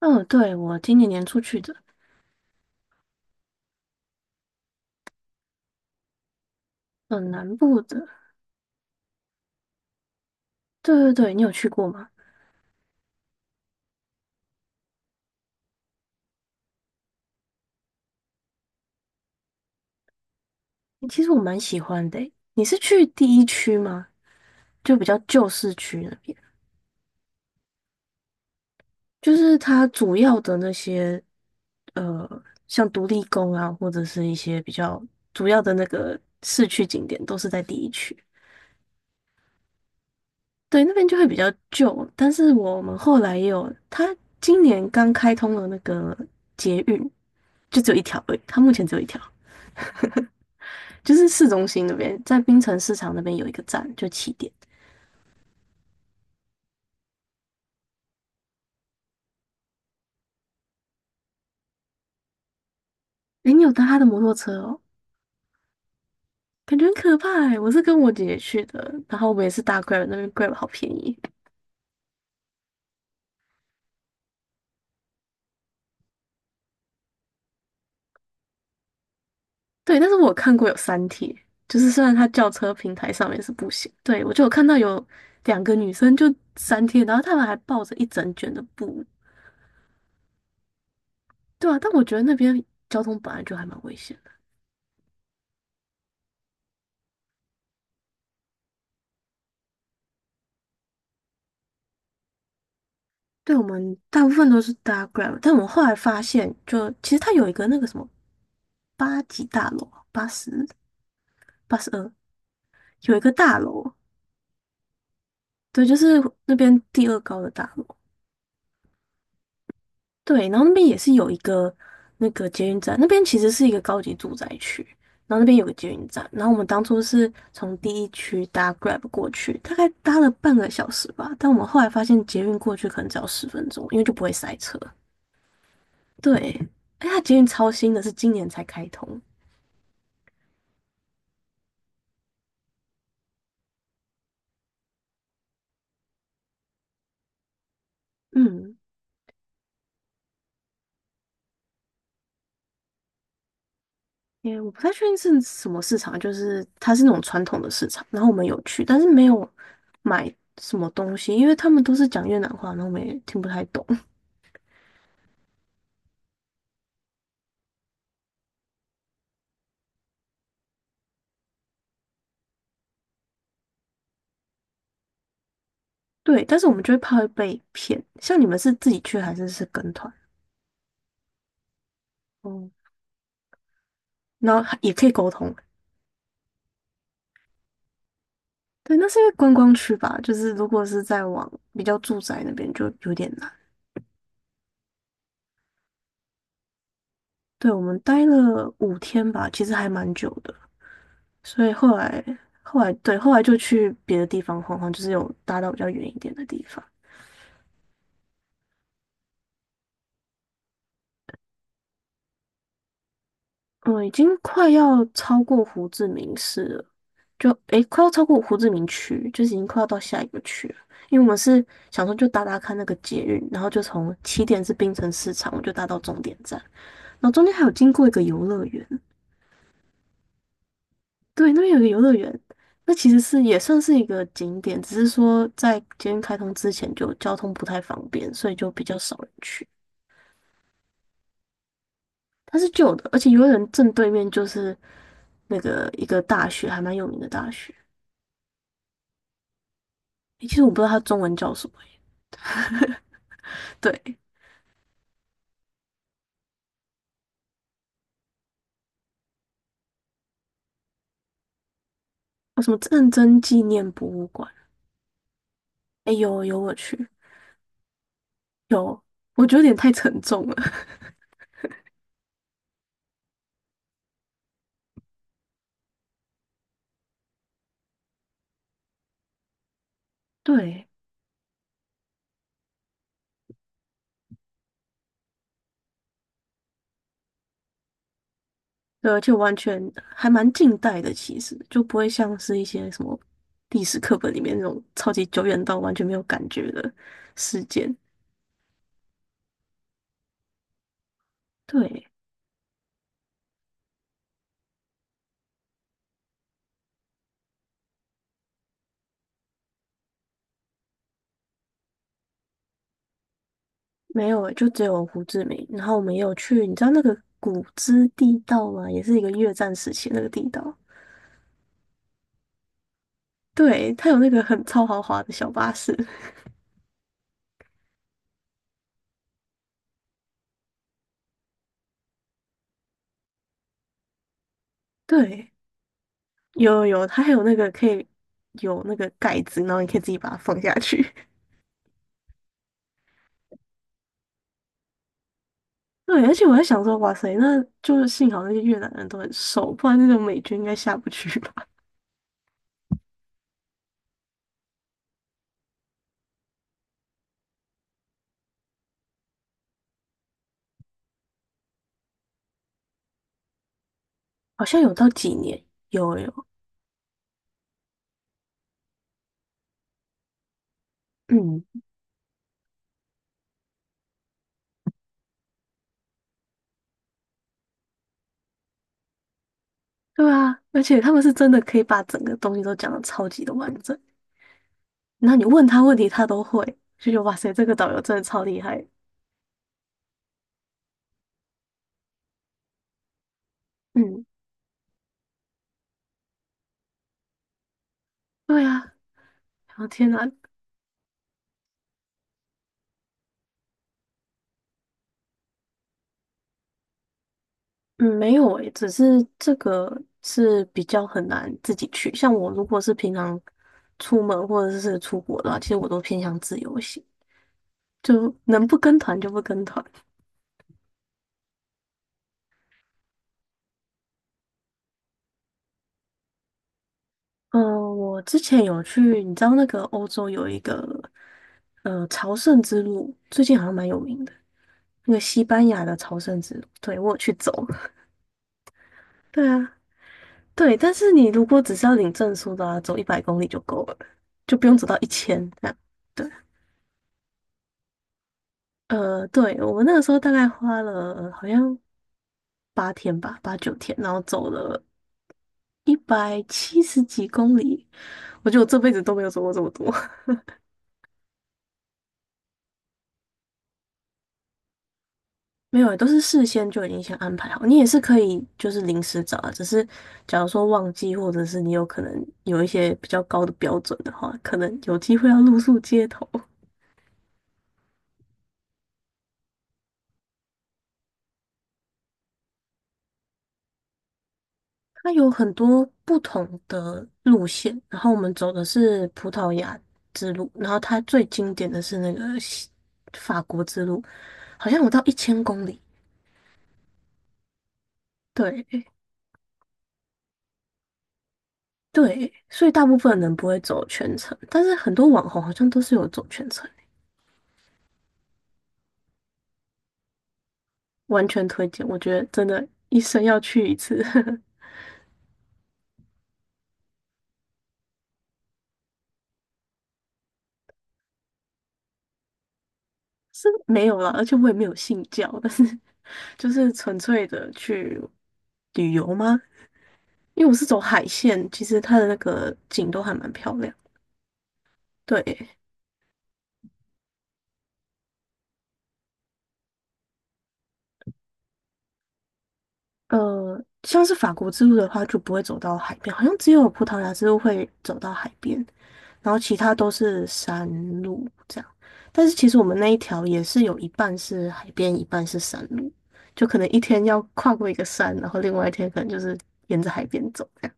嗯，对，我今年年初去的，嗯，南部的，对对对，你有去过吗？其实我蛮喜欢的诶。你是去第一区吗？就比较旧市区那边，就是它主要的那些，呃，像独立宫啊，或者是一些比较主要的那个市区景点，都是在第一区。对，那边就会比较旧，但是我们后来也有，它今年刚开通了那个捷运，就只有一条而已，它目前只有一条。就是市中心那边，在槟城市场那边有一个站，就起点。诶，你有搭他的摩托车哦，感觉很可怕诶。我是跟我姐姐去的，然后我们也是搭 Grab，那边 Grab 好便宜。对，但是我有看过有三贴，就是虽然它轿车平台上面是不行，对，我就有看到有两个女生就三贴，然后她们还抱着一整卷的布，对啊，但我觉得那边交通本来就还蛮危险的。对，我们大部分都是搭 Grab，但我们后来发现就，其实它有一个那个什么八级大楼啊八十82有一个大楼，对，就是那边第二高的大楼，对，然后那边也是有一个那个捷运站，那边其实是一个高级住宅区，然后那边有个捷运站，然后我们当初是从第一区搭 Grab 过去，大概搭了半个小时吧，但我们后来发现捷运过去可能只要10分钟，因为就不会塞车，对，哎，它捷运超新的，是今年才开通，嗯，诶，我不太确定是什么市场，就是它是那种传统的市场，然后我们有去，但是没有买什么东西，因为他们都是讲越南话，然后我们也听不太懂。对，但是我们就会怕会被骗。像你们是自己去还是跟团？哦，然后也可以沟通。对，那是因为观光区吧，就是如果是在往比较住宅那边就有点难。对，我们待了5天吧，其实还蛮久的，所以后来，对，就去别的地方晃晃，就是有搭到比较远一点的地方。嗯，已经快要超过胡志明市了，就快要超过胡志明区，就是已经快要到下一个区了。因为我们是想说就搭搭看那个捷运，然后就从起点是槟城市场，我就搭到终点站，然后中间还有经过一个游乐园，对，那边有一个游乐园，那其实是也算是一个景点，只是说在捷运开通之前就交通不太方便，所以就比较少人去。它是旧的，而且游乐园正对面就是那个一个大学，还蛮有名的大学。诶其实我不知道它中文叫什么耶。对，有什么战争纪念博物馆？哎，呦，有我去，有，我觉得有点太沉重了。对，对，而且完全还蛮近代的，其实就不会像是一些什么历史课本里面那种超级久远到完全没有感觉的事件。对，没有诶，就只有胡志明。然后我们也有去，你知道那个古芝地道吗？也是一个越战时期的那个地道。对，它有那个很超豪华的小巴士。对，有有有，它还有那个可以有那个盖子，然后你可以自己把它放下去。对，而且我在想说，哇塞，那就是幸好那些越南人都很瘦，不然那种美军应该下不去吧？好像有到几年，有有，嗯，对啊，而且他们是真的可以把整个东西都讲的超级的完整，然后你问他问题他都会，就觉得哇塞，这个导游真的超厉害。嗯，对啊，然后天哪，嗯，没有诶，只是这个是比较很难自己去。像我如果是平常出门或者是出国的话，其实我都偏向自由行，就能不跟团就不跟团。嗯，我之前有去，你知道那个欧洲有一个朝圣之路，最近好像蛮有名的，那个西班牙的朝圣之路，对，我有去走。对啊，对，但是你如果只是要领证书的啊，走100公里就够了，就不用走到一千这样。对。对，我们那个时候大概花了好像8天吧，8、9天，然后走了一百七十几公里。我觉得我这辈子都没有走过这么多，没有欸都是事先就已经先安排好。你也是可以就是临时找啊，只是假如说忘记，或者是你有可能有一些比较高的标准的话，可能有机会要露宿街头。它有很多不同的路线，然后我们走的是葡萄牙之路，然后它最经典的是那个法国之路，好像有到1000公里。对对，所以大部分人不会走全程，但是很多网红好像都是有走全程，完全推荐。我觉得真的，一生要去一次，是没有了，而且我也没有信教，但是就是纯粹的去旅游吗？因为我是走海线，其实它的那个景都还蛮漂亮。对，像是法国之路的话，就不会走到海边，好像只有葡萄牙之路会走到海边，然后其他都是山路这样。但是其实我们那一条也是有一半是海边，一半是山路，就可能一天要跨过一个山，然后另外一天可能就是沿着海边走这样。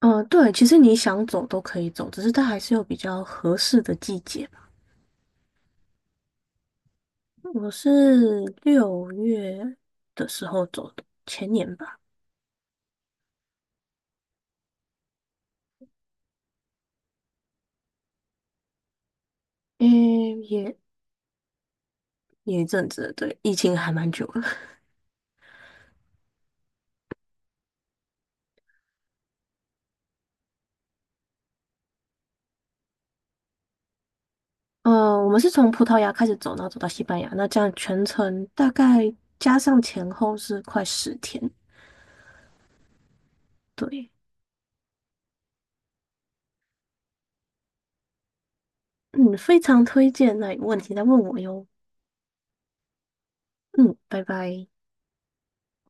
嗯，对，其实你想走都可以走，只是它还是有比较合适的季节吧。我是六月的时候走的，前年吧。嗯，也有一阵子了对，疫情还蛮久了。呃，我们是从葡萄牙开始走，然后走到西班牙，那这样全程大概加上前后是快10天。对，嗯，非常推荐。那有问题再问我哟。嗯，拜拜。